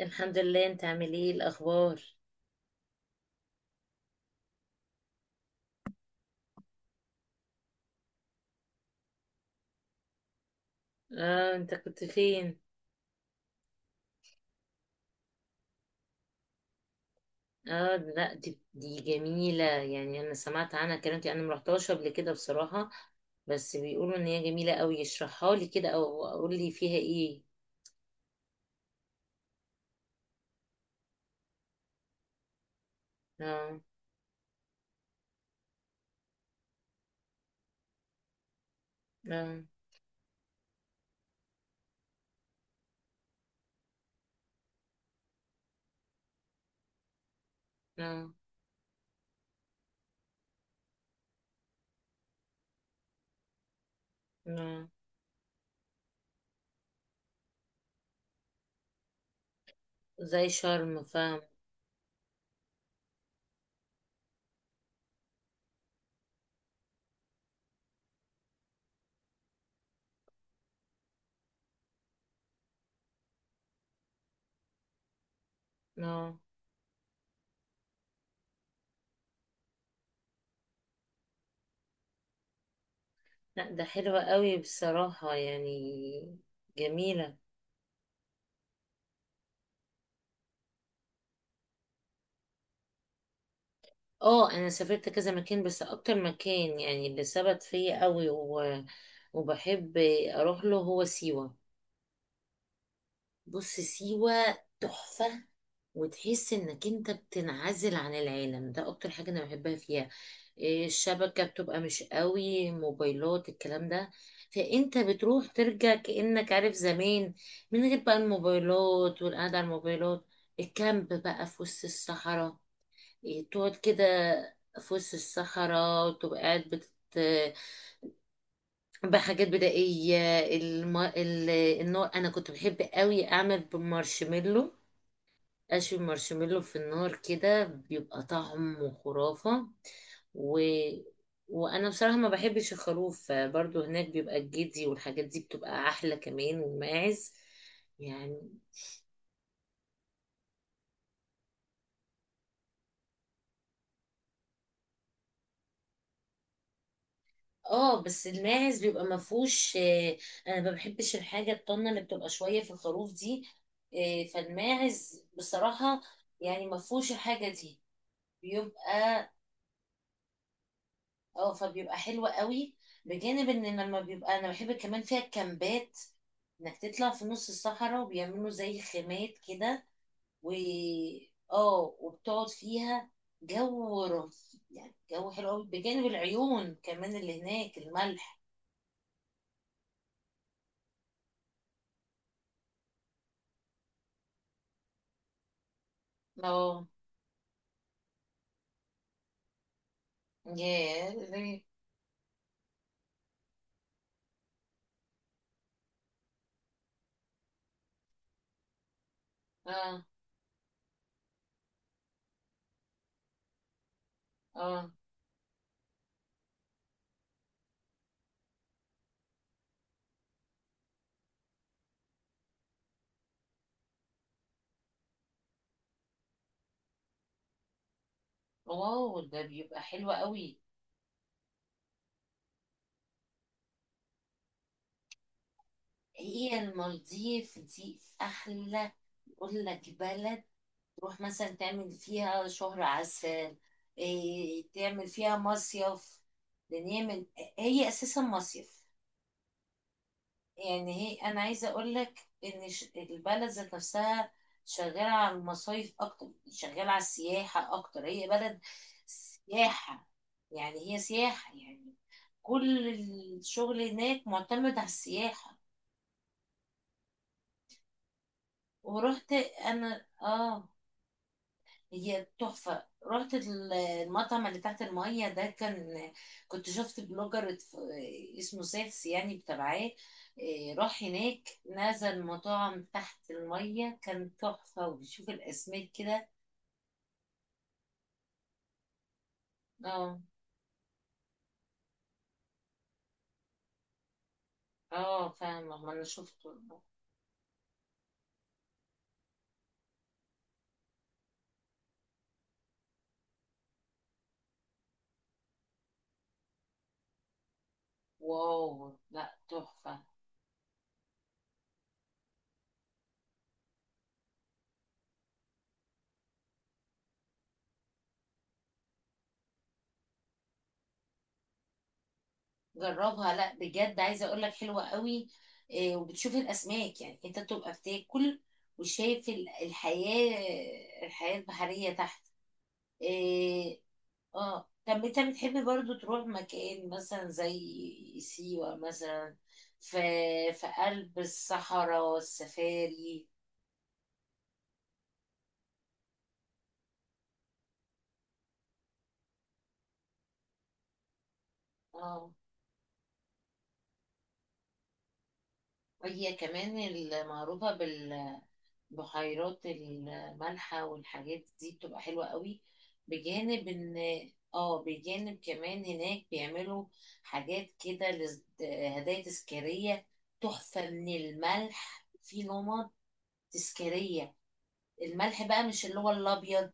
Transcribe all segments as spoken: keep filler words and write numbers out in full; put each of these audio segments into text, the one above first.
الحمد لله، انت عامل ايه الاخبار؟ اه انت كنت فين؟ اه لا دي, دي جميلة، يعني انا سمعت عنها كلام كتير. انا مرحتهاش قبل كده بصراحة. بس بيقولوا ان هي جميلة قوي، اشرحها لي كده او اقول لي فيها ايه. اه، اه، اه، اه، زي شرم فاهم. اه لا ده حلوة قوي بصراحة يعني. جميلة. اه انا سافرت كذا مكان، بس اكتر مكان يعني اللي ثبت فيا قوي و... وبحب اروح له هو سيوة. بص سيوة تحفة، وتحس انك انت بتنعزل عن العالم، ده اكتر حاجة انا بحبها فيها. إيه، الشبكة بتبقى مش قوي، موبايلات الكلام ده، فانت بتروح ترجع كأنك عارف زمان، من غير بقى الموبايلات والقعدة على الموبايلات. الكامب بقى في وسط الصحراء، يعني تقعد كده في وسط الصحراء، وتبقى قاعد بتت... بحاجات بدائية. الم... ال... النوع أنا كنت بحب قوي أعمل بالمارشميلو، أشوي المارشميلو في النار كده بيبقى طعمه خرافة. و... وأنا بصراحة ما بحبش الخروف، فبرضه هناك بيبقى الجدي والحاجات دي بتبقى أحلى كمان، والماعز يعني. اه بس الماعز بيبقى ما فيهوش، آه، انا ما بحبش الحاجه الطنه اللي بتبقى شويه في الخروف دي. آه، فالماعز بصراحه يعني ما فيهوش الحاجه دي، بيبقى اه فبيبقى حلو قوي. بجانب ان لما بيبقى انا بحب كمان فيها الكامبات، انك تطلع في نص الصحراء وبيعملوا زي خيمات كده، و اه وبتقعد فيها، جو رهيب، يعني جو حلو قوي، بجانب العيون كمان اللي هناك الملح. اه. ياه ليه؟ اه، اه. واو ده بيبقى حلو قوي. هي المالديف دي احلى اقول لك بلد، تروح مثلا تعمل فيها شهر عسل، إيه تعمل فيها مصيف. لان هي من، هي اساسا مصيف. يعني هي انا عايزه اقول لك ان ش- البلد ذات نفسها شغاله على المصايف اكتر، شغاله على السياحه اكتر، هي بلد سياحه. يعني هي سياحه يعني، كل الشغل هناك معتمد على السياحه. ورحت انا اه، هي تحفة. رحت ال- المطعم اللي تحت المية ده، كان كنت شفت بلوجر اتف- اسمه سيفس يعني بتابعاه. إيه، راح هناك نزل مطاعم تحت المية، كان تحفة وبيشوف الأسماك كده. اه، اه فاهمة ما انا شفته. واو لا تحفة. جربها لا بجد عايزة اقولك حلوة قوي. إيه، وبتشوف الأسماك، يعني انت بتبقى بتاكل وشايف ال- الحياة الحياة البحرية تحت. إيه. اه طب انت بتحب برضو تروح مكان مثلا زي سيوة مثلا، في في قلب الصحراء والسفاري. اه وهي كمان المعروفة بالبحيرات المالحة، والحاجات دي بتبقى حلوة قوي. بجانب ان، اه بجانب كمان هناك بيعملوا حاجات كده، لز- هدايا تذكارية تحفة من الملح، في نمط تذكارية. الملح بقى مش اللي هو الابيض،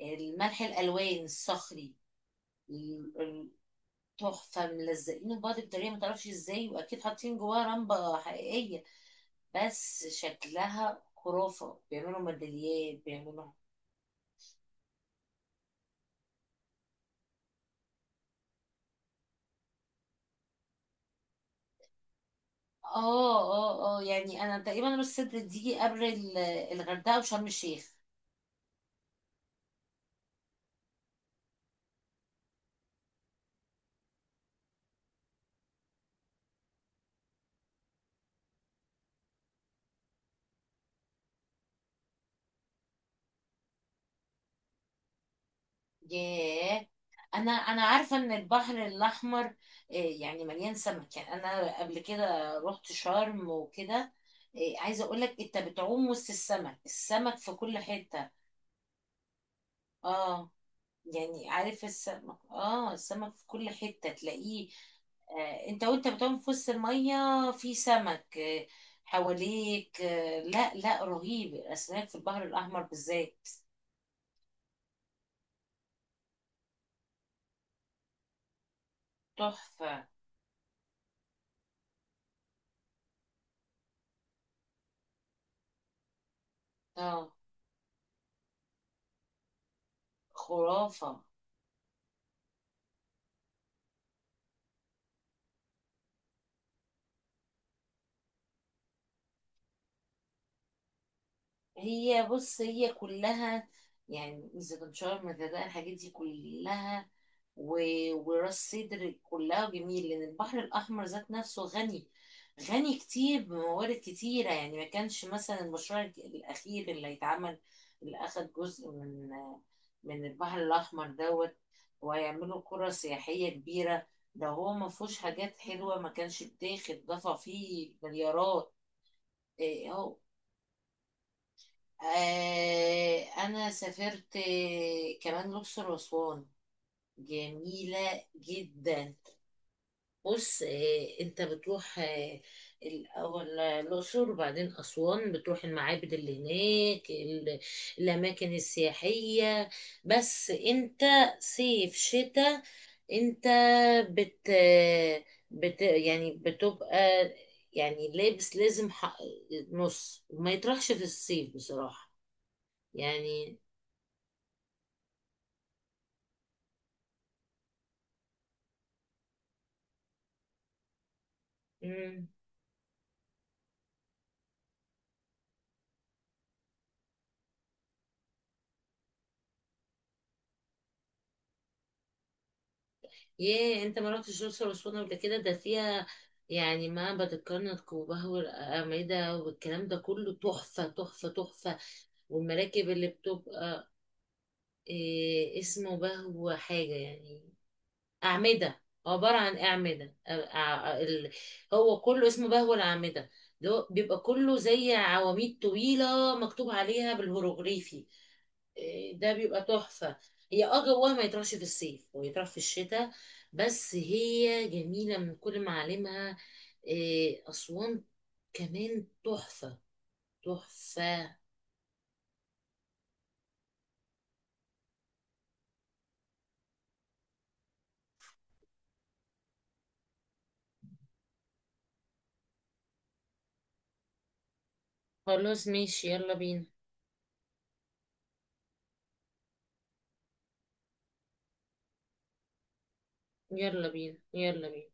الملح الالوان الصخري. ال- ال- تحفه ملزقينه في بعض بطريقه ما تعرفش ازاي، واكيد حاطين جواها رمبه حقيقيه، بس شكلها خرافه. بيعملوا ميداليات بيعملوا. اه، اه، اه يعني انا تقريبا راس سدر دي قبل ال- الغردقه وشرم الشيخ. ياه انا انا عارفه ان البحر الاحمر، آه، يعني مليان سمك. يعني انا قبل كده رحت شرم وكده، آه، عايزه اقول لك انت بتعوم وسط السمك، السمك في كل حته. اه يعني عارف السمك، اه السمك في كل حته تلاقيه. آه، انت وانت بتعوم في وسط الميه، في سمك آه، حواليك. آه، لا لا رهيب الاسماك في البحر الاحمر بالذات. تحفه. اه خرافه. هي بص هي كلها يعني زيتونشار مزازة، الحاجات دي كلها، و... وراس سدر كلها جميل، لان البحر الاحمر ذات نفسه غني، غني كتير بموارد كتيره. يعني ما كانش مثلا المشروع الاخير اللي هيتعمل، اللي اخد جزء من من البحر الاحمر دوت، وهيعملوا قرى سياحيه كبيره. ده هو ما فيهوش حاجات حلوه، ما كانش بتاخد ضفع فيه مليارات. إيه هو، آه، انا سافرت آه، كمان الاقصر واسوان، جميله جدا. بص آه، انت بتروح آه، الاول الاقصر وبعدين اسوان، بتروح المعابد اللي هناك ال- الاماكن السياحيه. بس انت صيف شتاء، انت بت بت يعني بتبقى، يعني لابس لازم حق نص، وما يطرحش في الصيف بصراحه، يعني. امم. ياه انت ما رحتش الاقصر واسوان قبل كده؟ ده فيها يعني معبد الكرنك وبهو الأعمدة، والكلام ده كله تحفة تحفة تحفة. والمراكب اللي بتبقى إيه اسمه، بهو حاجة يعني، أعمدة عبارة عن أعمدة أ- أ- ال- هو كله اسمه بهو الأعمدة. ده هو بيبقى كله زي عواميد طويلة مكتوب عليها بالهيروغليفي. إيه، ده بيبقى تحفة. هي اه جواها ما يطرحش في الصيف، هو يطرح في الشتاء. بس هي جميلة من كل معالمها. إيه، أسوان كمان تحفة. تحفة. خلاص ماشي يلا بينا. يلا بينا. يلا بينا.